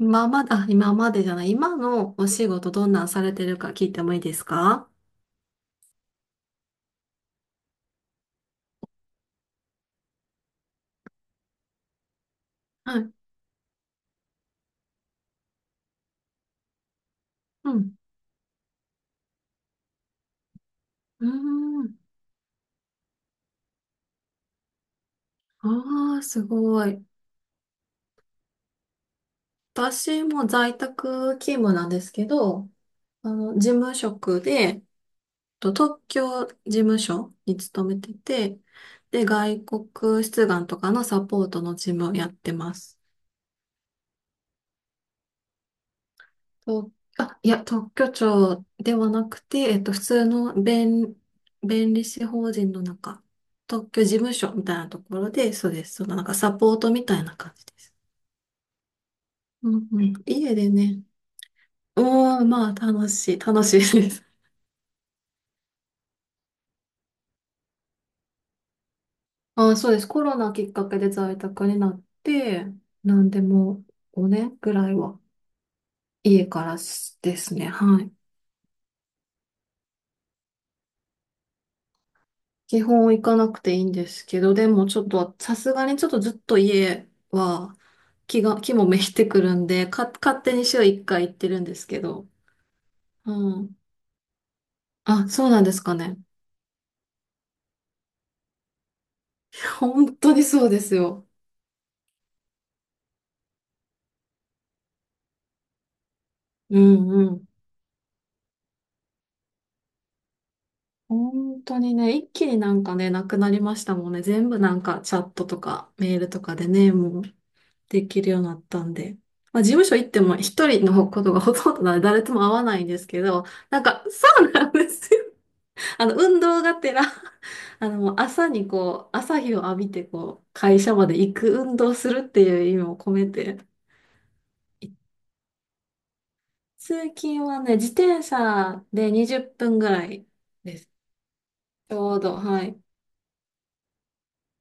今まで、あ、今までじゃない、今のお仕事どんなんされてるか聞いてもいいですか？はい。うん。うーん。ああ、すごい。私も在宅勤務なんですけど、あの、事務職で、と特許事務所に勤めてて、で、外国出願とかのサポートの事務をやってます。と、あ、いや、特許庁ではなくて、普通の弁、弁理士法人の中、特許事務所みたいなところで、そうです。そのなんかサポートみたいな感じです。うんうん。家でね。うん、まあ、楽しいです。あ、そうです。コロナきっかけで在宅になって、なんでも5年ねんぐらいは家からですね。はい。基本行かなくていいんですけど、でもちょっと、さすがにちょっとずっと家は気もめいてくるんで、か、勝手に週1回行ってるんですけど。うん。あ、そうなんですかね。本当にそうですよ。うんうん。本当にね、一気になんかね、なくなりましたもんね。全部なんかチャットとかメールとかでね、もうできるようになったんで。まあ事務所行っても一人のことがほとんどなので誰とも会わないんですけど、なんか、そうなんですよ。 あの、運動がてら、 あの、もう朝にこう、朝日を浴びてこう、会社まで行く運動するっていう意味を込めて、通勤はね、自転車で20分ぐらいです。ちょうど、はい。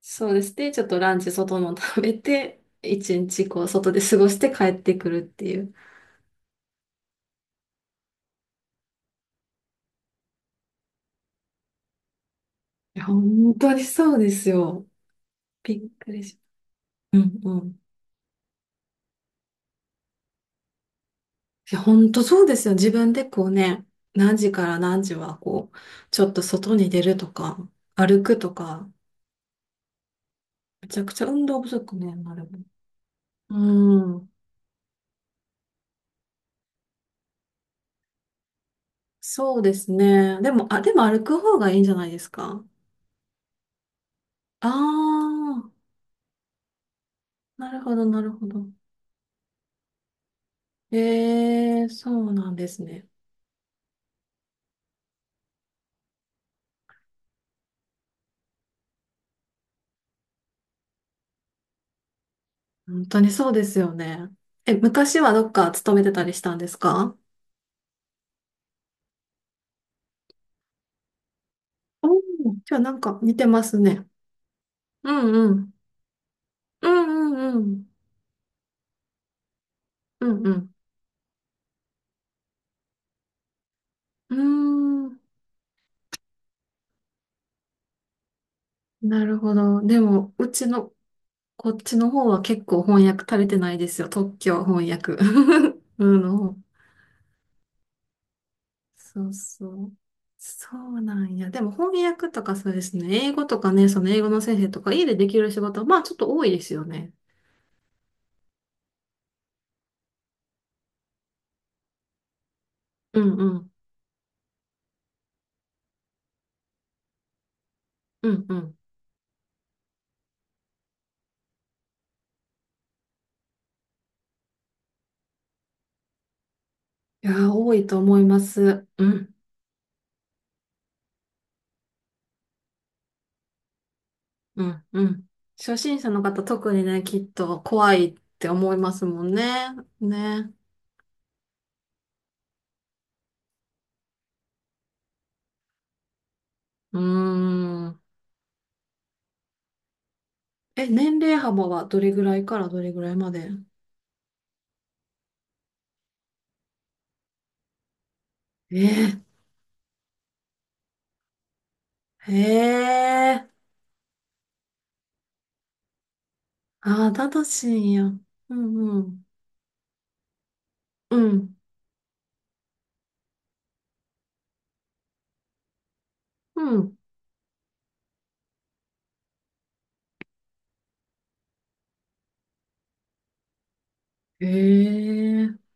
そうです。で、ちょっとランチ外の食べて、一日こう、外で過ごして帰ってくるっていう。いや、本当にそうですよ。びっくりし、うんうん。いや、本当そうですよ。自分でこうね、何時から何時はこう、ちょっと外に出るとか、歩くとか、めちゃくちゃ運動不足ね、なるもん。うん。そうですね。でも、あ、でも歩く方がいいんじゃないですか？ああー、なるほど。ええ、そうなんですね。本当にそうですよね。え、昔はどっか勤めてたりしたんですか？おー、じゃあなんか似てますね。うんうん。うんうんうん。うんうん。うーん、なるほど。でも、うちの、こっちの方は結構翻訳足れてないですよ。特許翻訳。うん。そうそう。そうなんや。でも翻訳とかそうですね。英語とかね、その英語の先生とか家でできる仕事は、まあちょっと多いですよね。うんうん。うんうん。いやー、多いと思います。うん。うんうん。初心者の方特にね、きっと怖いって思いますもんね。ね。うーん。え、年齢幅はどれぐらいからどれぐらいまで？えー、へえ、ああ、だだしんや。うんうん。うん、うん。へえ、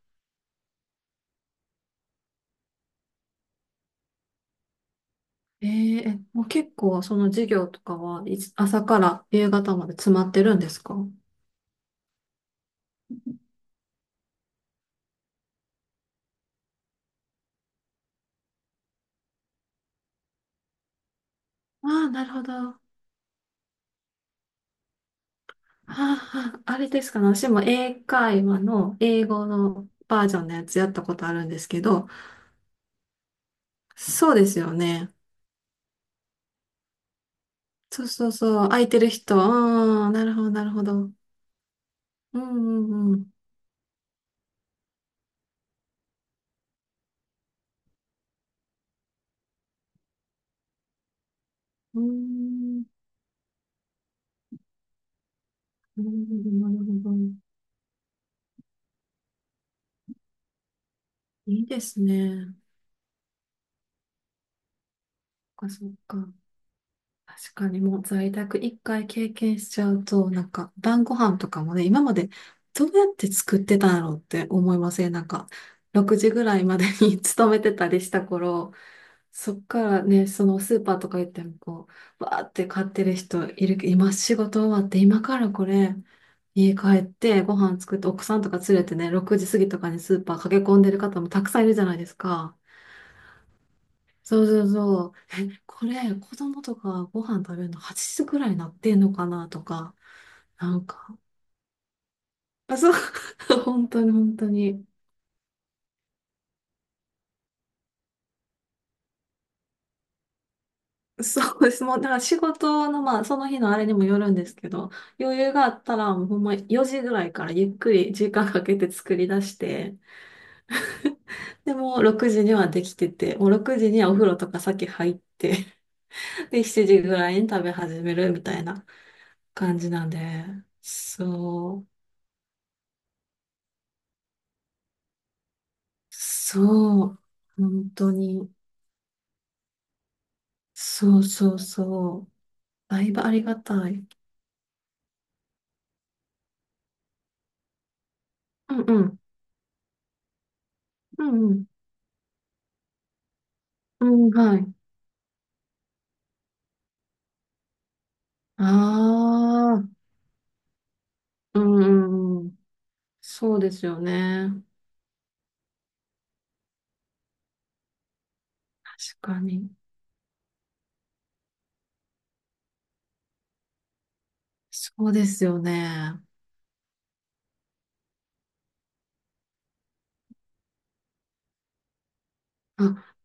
えー、え、もう結構その授業とかはいつ朝から夕方まで詰まってるんですか？ああ、なるほど。ああ、あれですかね。私も英会話の英語のバージョンのやつやったことあるんですけど、そうですよね。そうそうそう。空いてる人。うん、なるほど。うんうんうん。うーん、なるほど。いいですね。そっか。確かにもう在宅一回経験しちゃうと、なんか晩ご飯とかもね、今までどうやって作ってたんだろうって思いません、なんか、6時ぐらいまでに 勤めてたりした頃、そっからね、そのスーパーとか行ってもこう、わーって買ってる人いるけど、今仕事終わって、今からこれ、家帰ってご飯作って奥さんとか連れてね、6時過ぎとかにスーパー駆け込んでる方もたくさんいるじゃないですか。そうそうそう。え、これ、子供とかご飯食べるの8時くらいになってんのかなとか、なんか、あ、そう、本当に。そうです。もう、だから仕事の、まあ、その日のあれにもよるんですけど、余裕があったら、もうほんま4時ぐらいからゆっくり時間かけて作り出して、で、もう6時にはできてて、もう6時にはお風呂とか先入って、で、7時ぐらいに食べ始めるみたいな感じなんで、そう、そう、本当に、そうそうそう、だいぶありがたい。うんうん、うんうん、うん、はい。ああ、うんうんうん。そうですよね。確かに。そうですよね。あ、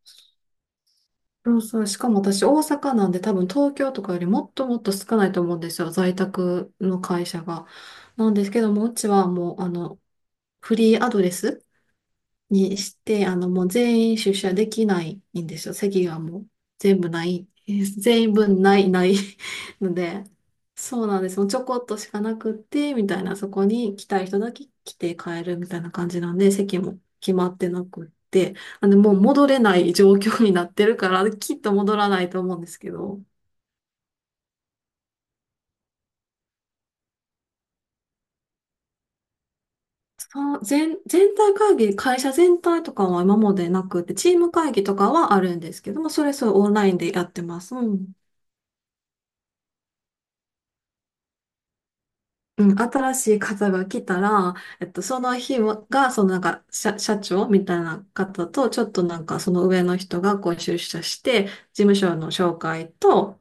そうそう。しかも私、大阪なんで多分東京とかよりもっともっと少ないと思うんですよ。在宅の会社が。なんですけども、うちはもう、あの、フリーアドレスにして、あの、もう全員出社できないんですよ。席がもう全部ない。全員分ない、ない。 ので、そうなんです。もうちょこっとしかなくって、みたいな、そこに来たい人だけ来て帰るみたいな感じなんで、席も決まってなくって、あもう戻れない状況になってるから、きっと戻らないと思うんですけど、全体会議、会社全体とかは今までなくて、チーム会議とかはあるんですけども、それそうオンラインでやってます。うんうん、新しい方が来たら、その日もが、そのなんか、社、社長みたいな方と、ちょっとなんか、その上の人がこう出社して、事務所の紹介と、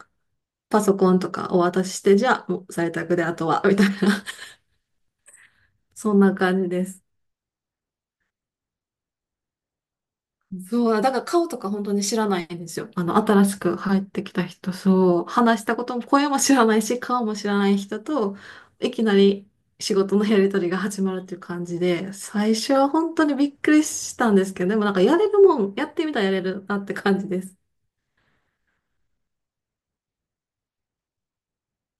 パソコンとかお渡しして、じゃあ、もう在宅であとは、みたいな、そんな感じです。そう、だから顔とか本当に知らないんですよ。あの、新しく入ってきた人、そう、話したことも、声も知らないし、顔も知らない人と、いきなり仕事のやりとりが始まるっていう感じで、最初は本当にびっくりしたんですけど、でもなんかやれるもん、やってみたらやれるなって感じです。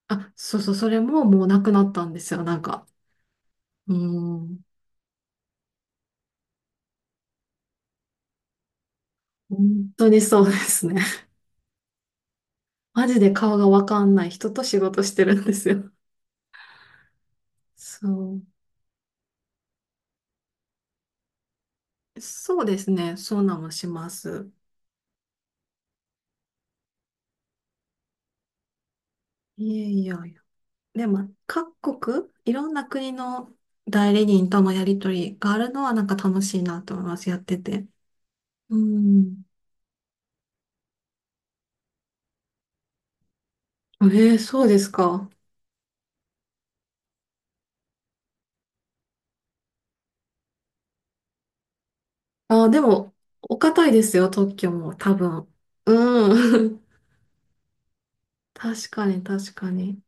あ、そうそう、それももうなくなったんですよ、なんか。うん、本当にそうですね。マジで顔がわかんない人と仕事してるんですよ。そう。そうですね、そうなんもします。いやいやいや。でも、各国、いろんな国の代理人とのやりとりがあるのはなんか楽しいなと思います、やってて。うん。えー、そうですか。あ、でも、お堅いですよ、特許も、多分。うん。確かに。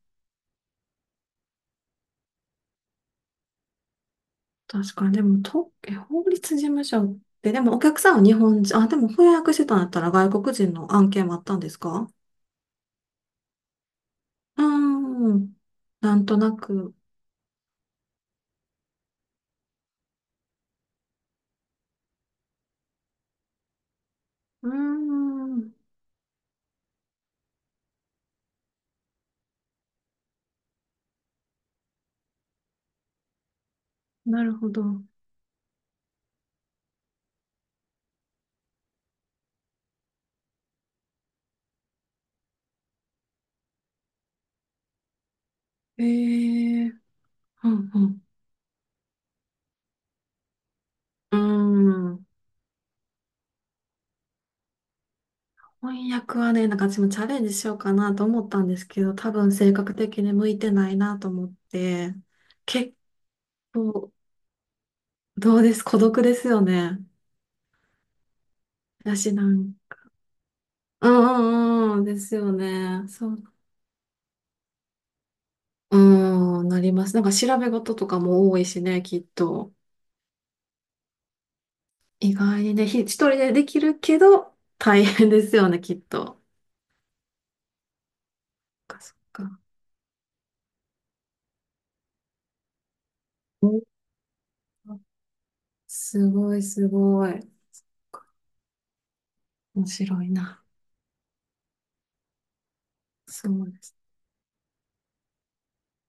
確かに。でも、特え法律事務所って、でもお客さんは日本人、あ、でも翻訳してたんだったら外国人の案件もあったんですか？うーん。なんとなく。うーん。なるほど。ええ、うんうん。うーん。翻訳はね、なんか私もチャレンジしようかなと思ったんですけど、多分性格的に向いてないなと思って、結構、どうです、孤独ですよね。だしなん、うん、ですよね。そう。うん、なります。なんか調べ事とかも多いしね、きっと。意外にね、ひ一人でできるけど、大変ですよね、きっと。そっか。お、すごい。面白いな。そうです。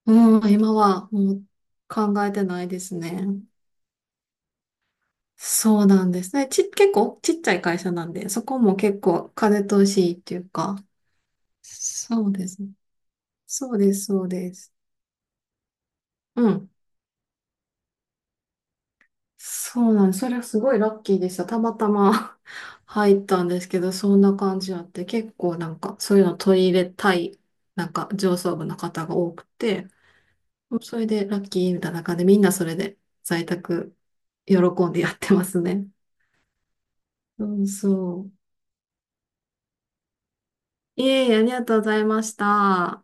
うん、今はもう考えてないですね。そうなんですね。ち、結構ちっちゃい会社なんで、そこも結構風通しいいっていうか、そうですね。そうです。うん。そうなんです。それはすごいラッキーでした。たまたま 入ったんですけど、そんな感じあって、結構なんかそういうの取り入れたい、なんか上層部の方が多くて、それでラッキーみたいな感じで、みんなそれで在宅喜んでやってますね。そうそう。いえいえ、ありがとうございました。